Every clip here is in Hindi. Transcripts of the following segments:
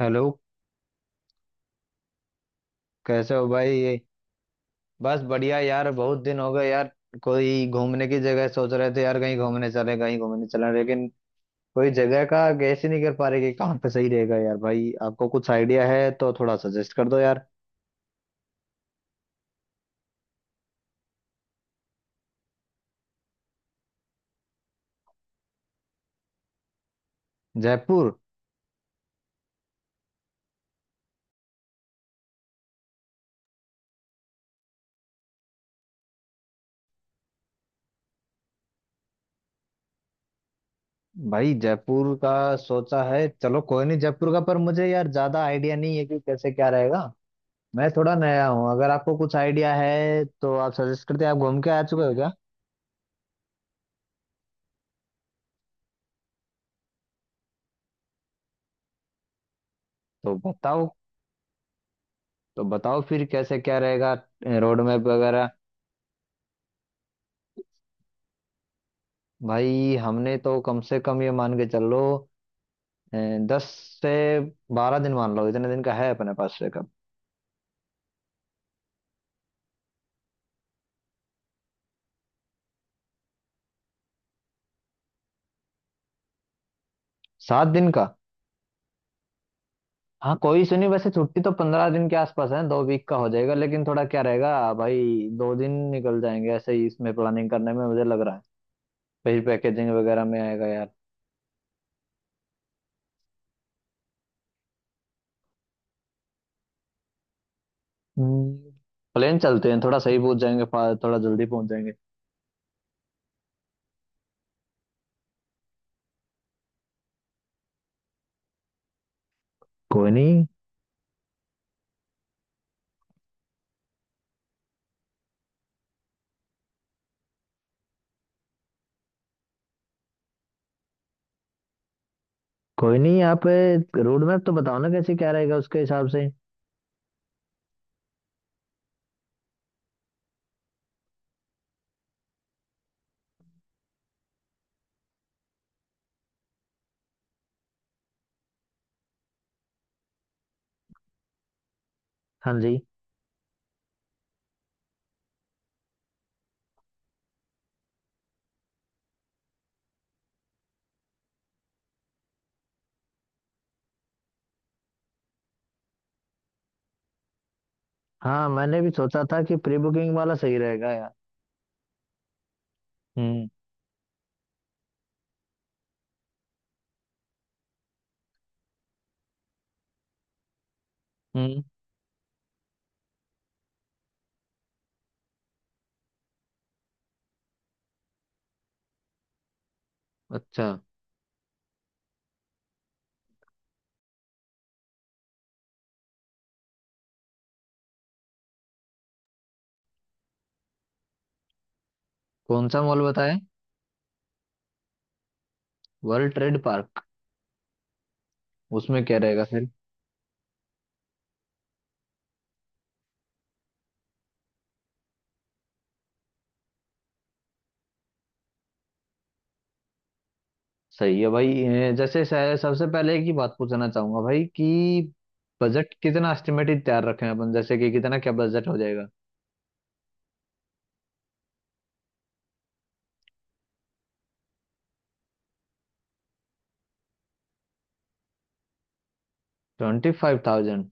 हेलो। कैसे हो भाई? ये बस बढ़िया यार। बहुत दिन हो गए यार। कोई घूमने की जगह सोच रहे थे यार, कहीं घूमने चले, कहीं घूमने चले, लेकिन कोई जगह का गैस ही नहीं कर पा रहे कि कहाँ पे सही रहेगा यार। भाई, आपको कुछ आइडिया है तो थोड़ा सजेस्ट कर दो यार। जयपुर? भाई, जयपुर का सोचा है। चलो कोई नहीं, जयपुर का। पर मुझे यार ज्यादा आइडिया नहीं है कि कैसे क्या रहेगा। मैं थोड़ा नया हूँ। अगर आपको कुछ आइडिया है तो आप सजेस्ट करते हैं। आप घूम के आ चुके हो क्या? तो बताओ। तो बताओ फिर कैसे क्या रहेगा? रोड मैप वगैरह? भाई, हमने तो कम से कम ये मान के चल लो अ, 10 से 12 दिन मान लो, इतने दिन का है अपने पास ब्रेकअप। 7 दिन का? हाँ, कोई इशू नहीं। वैसे छुट्टी तो 15 दिन के आसपास है, 2 वीक का हो जाएगा, लेकिन थोड़ा क्या रहेगा भाई, 2 दिन निकल जाएंगे ऐसे ही इसमें प्लानिंग करने में, मुझे लग रहा है फिर पैकेजिंग वगैरह में आएगा यार। हम्म, प्लेन चलते हैं, थोड़ा सही पहुंच जाएंगे, थोड़ा जल्दी पहुंच जाएंगे। कोई नहीं कोई नहीं। आप रोड मैप तो बताओ ना, कैसे क्या रहेगा उसके हिसाब से। हाँ जी। हाँ, मैंने भी सोचा था कि प्री बुकिंग वाला सही रहेगा यार। हम्म। हम्म। अच्छा, कौन सा मॉल बताएं? World trade park? उसमें क्या रहेगा फिर? सही है भाई। जैसे सबसे पहले एक ही बात पूछना चाहूंगा भाई, कि बजट कितना एस्टिमेटेड तैयार रखें अपन, जैसे कि कितना क्या बजट हो जाएगा? 25,000?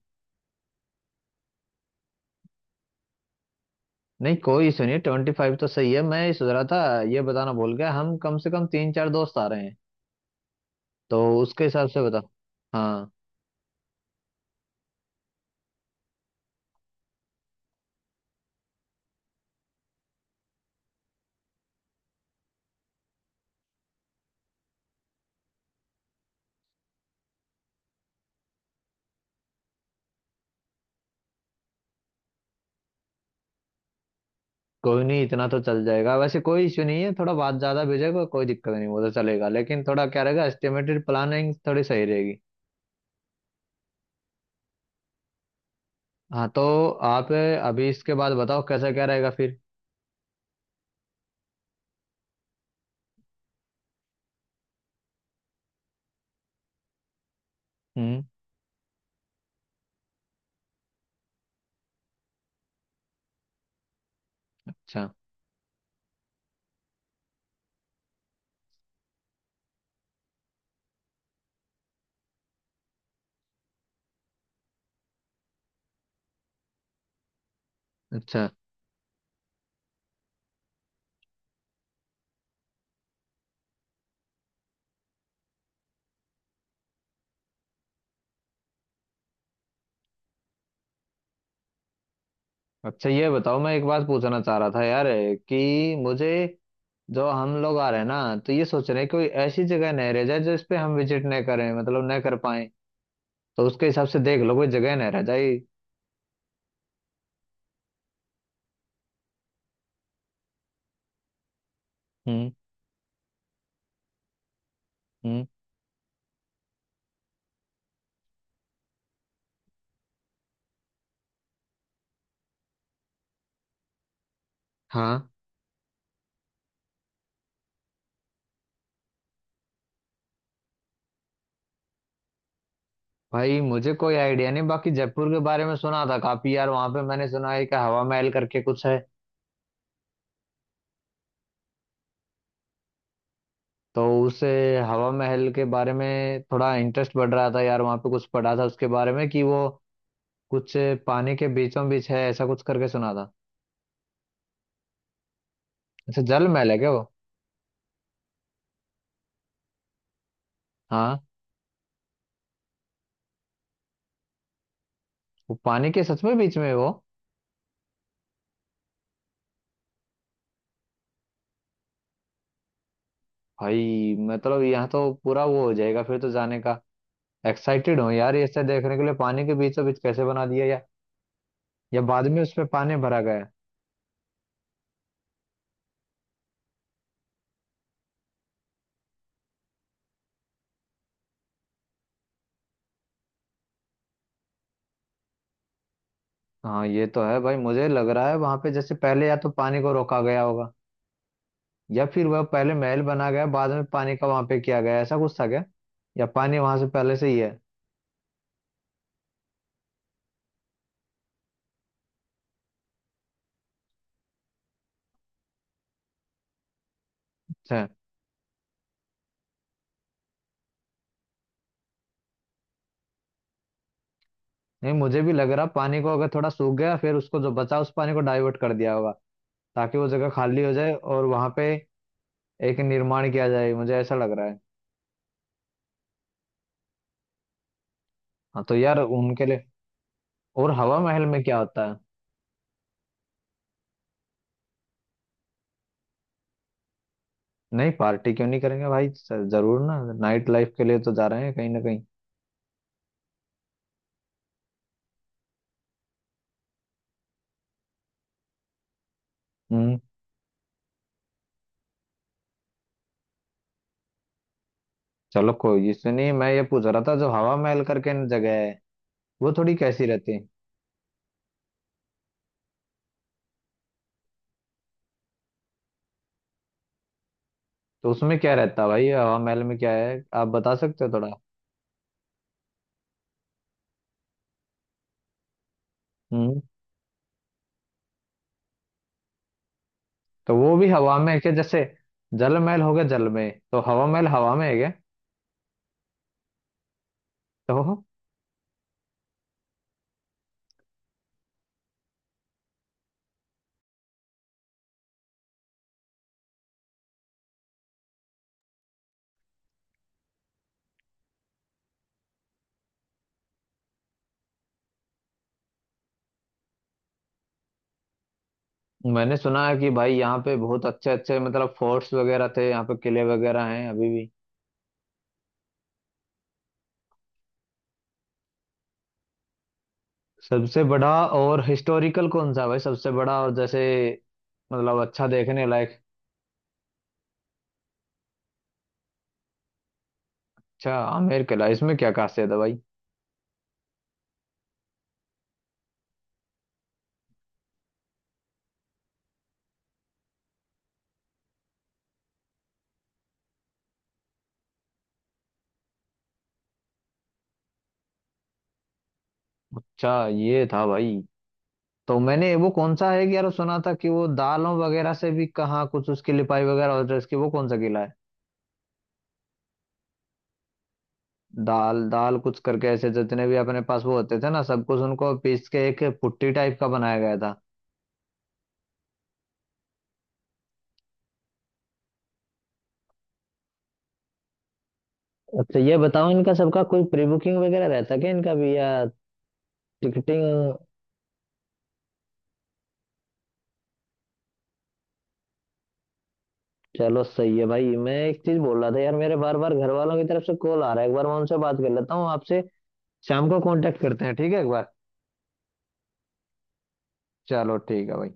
नहीं, कोई इशू नहीं, 25 तो सही है। मैं ये सोच रहा था, ये बताना भूल गया, हम कम से कम तीन चार दोस्त आ रहे हैं, तो उसके हिसाब से बता। हाँ। कोई नहीं, इतना तो चल जाएगा, वैसे कोई इश्यू नहीं है। थोड़ा बात ज्यादा भेजेगा कोई दिक्कत नहीं, वो तो चलेगा, लेकिन थोड़ा क्या रहेगा एस्टिमेटेड प्लानिंग थोड़ी सही रहेगी। हाँ, तो आप अभी इसके बाद बताओ कैसा क्या रहेगा फिर। हम्म। अच्छा। अच्छा। अच्छा, ये बताओ, मैं एक बात पूछना चाह रहा था यार, कि मुझे, जो हम लोग आ रहे हैं ना, तो ये सोच रहे हैं कोई ऐसी जगह नहीं रह जाए जो इस पे हम विजिट नहीं करें, मतलब नहीं कर पाए। तो उसके हिसाब से देख लो, कोई जगह नहीं रह जाए। हम्म। हम्म। हाँ। भाई, मुझे कोई आइडिया नहीं, बाकी जयपुर के बारे में सुना था काफी यार। वहां पे मैंने सुना है कि हवा महल करके कुछ है। तो उस हवा महल के बारे में थोड़ा इंटरेस्ट बढ़ रहा था यार। वहां पे कुछ पढ़ा था उसके बारे में कि वो कुछ पानी के बीचों बीच है, ऐसा कुछ करके सुना था। अच्छा, जल महल है क्या वो? हाँ। वो पानी के सच में बीच में है वो? भाई, मतलब यहाँ तो पूरा वो हो जाएगा फिर तो जाने का। एक्साइटेड हूँ यार ये ऐसा देखने के लिए, पानी के बीचों बीच कैसे बना दिया, या बाद में उसमें पानी भरा गया? हाँ ये तो है भाई। मुझे लग रहा है वहां पे, जैसे पहले या तो पानी को रोका गया होगा, या फिर वह पहले महल बना गया, बाद में पानी का वहां पे किया गया, ऐसा कुछ था क्या? या पानी वहां से पहले से ही है? अच्छा। नहीं, मुझे भी लग रहा, पानी को अगर थोड़ा सूख गया फिर उसको, जो बचा उस पानी को डाइवर्ट कर दिया होगा, ताकि वो जगह खाली हो जाए और वहां पे एक निर्माण किया जाए, मुझे ऐसा लग रहा है। हाँ तो यार, उनके लिए, और हवा महल में क्या होता है? नहीं, पार्टी क्यों नहीं करेंगे भाई, जरूर ना। नाइट लाइफ के लिए तो जा रहे हैं कहीं ना कहीं। हम्म। चलो कोई, ये सुनिए, मैं ये पूछ रहा था, जो हवा महल करके न जगह है वो थोड़ी कैसी रहती है? तो उसमें क्या रहता है भाई, हवा महल में क्या है, आप बता सकते हो थोड़ा? हम्म। तो वो भी हवा में है क्या, जैसे जल महल हो गया जल में, तो हवा महल हवा में है क्या? तो मैंने सुना है कि भाई यहाँ पे बहुत अच्छे अच्छे मतलब फोर्ट्स वगैरह थे, यहाँ पे किले वगैरह हैं अभी भी। सबसे बड़ा और हिस्टोरिकल कौन सा है भाई, सबसे बड़ा और जैसे मतलब अच्छा देखने लायक? अच्छा, आमेर किला। इसमें क्या खासियत है भाई? अच्छा, ये था भाई। तो मैंने, वो कौन सा है कि यार, सुना था कि वो दालों वगैरह से भी कहाँ कुछ उसकी लिपाई वगैरह होती है उसकी, वो कौन सा किला है? दाल दाल कुछ करके ऐसे, जितने भी अपने पास वो होते थे ना, सब कुछ उनको पीस के एक पुट्टी टाइप का बनाया गया था। अच्छा, ये बताओ, इनका सबका कोई प्री बुकिंग वगैरह रहता है क्या, इनका भी, या टिकटिंग? चलो, सही है भाई। मैं एक चीज बोल रहा था यार, मेरे बार बार घर वालों की तरफ से कॉल आ रहा है, एक बार मैं उनसे बात कर लेता हूँ। आपसे शाम को कांटेक्ट करते हैं, ठीक है एक बार? चलो ठीक है भाई।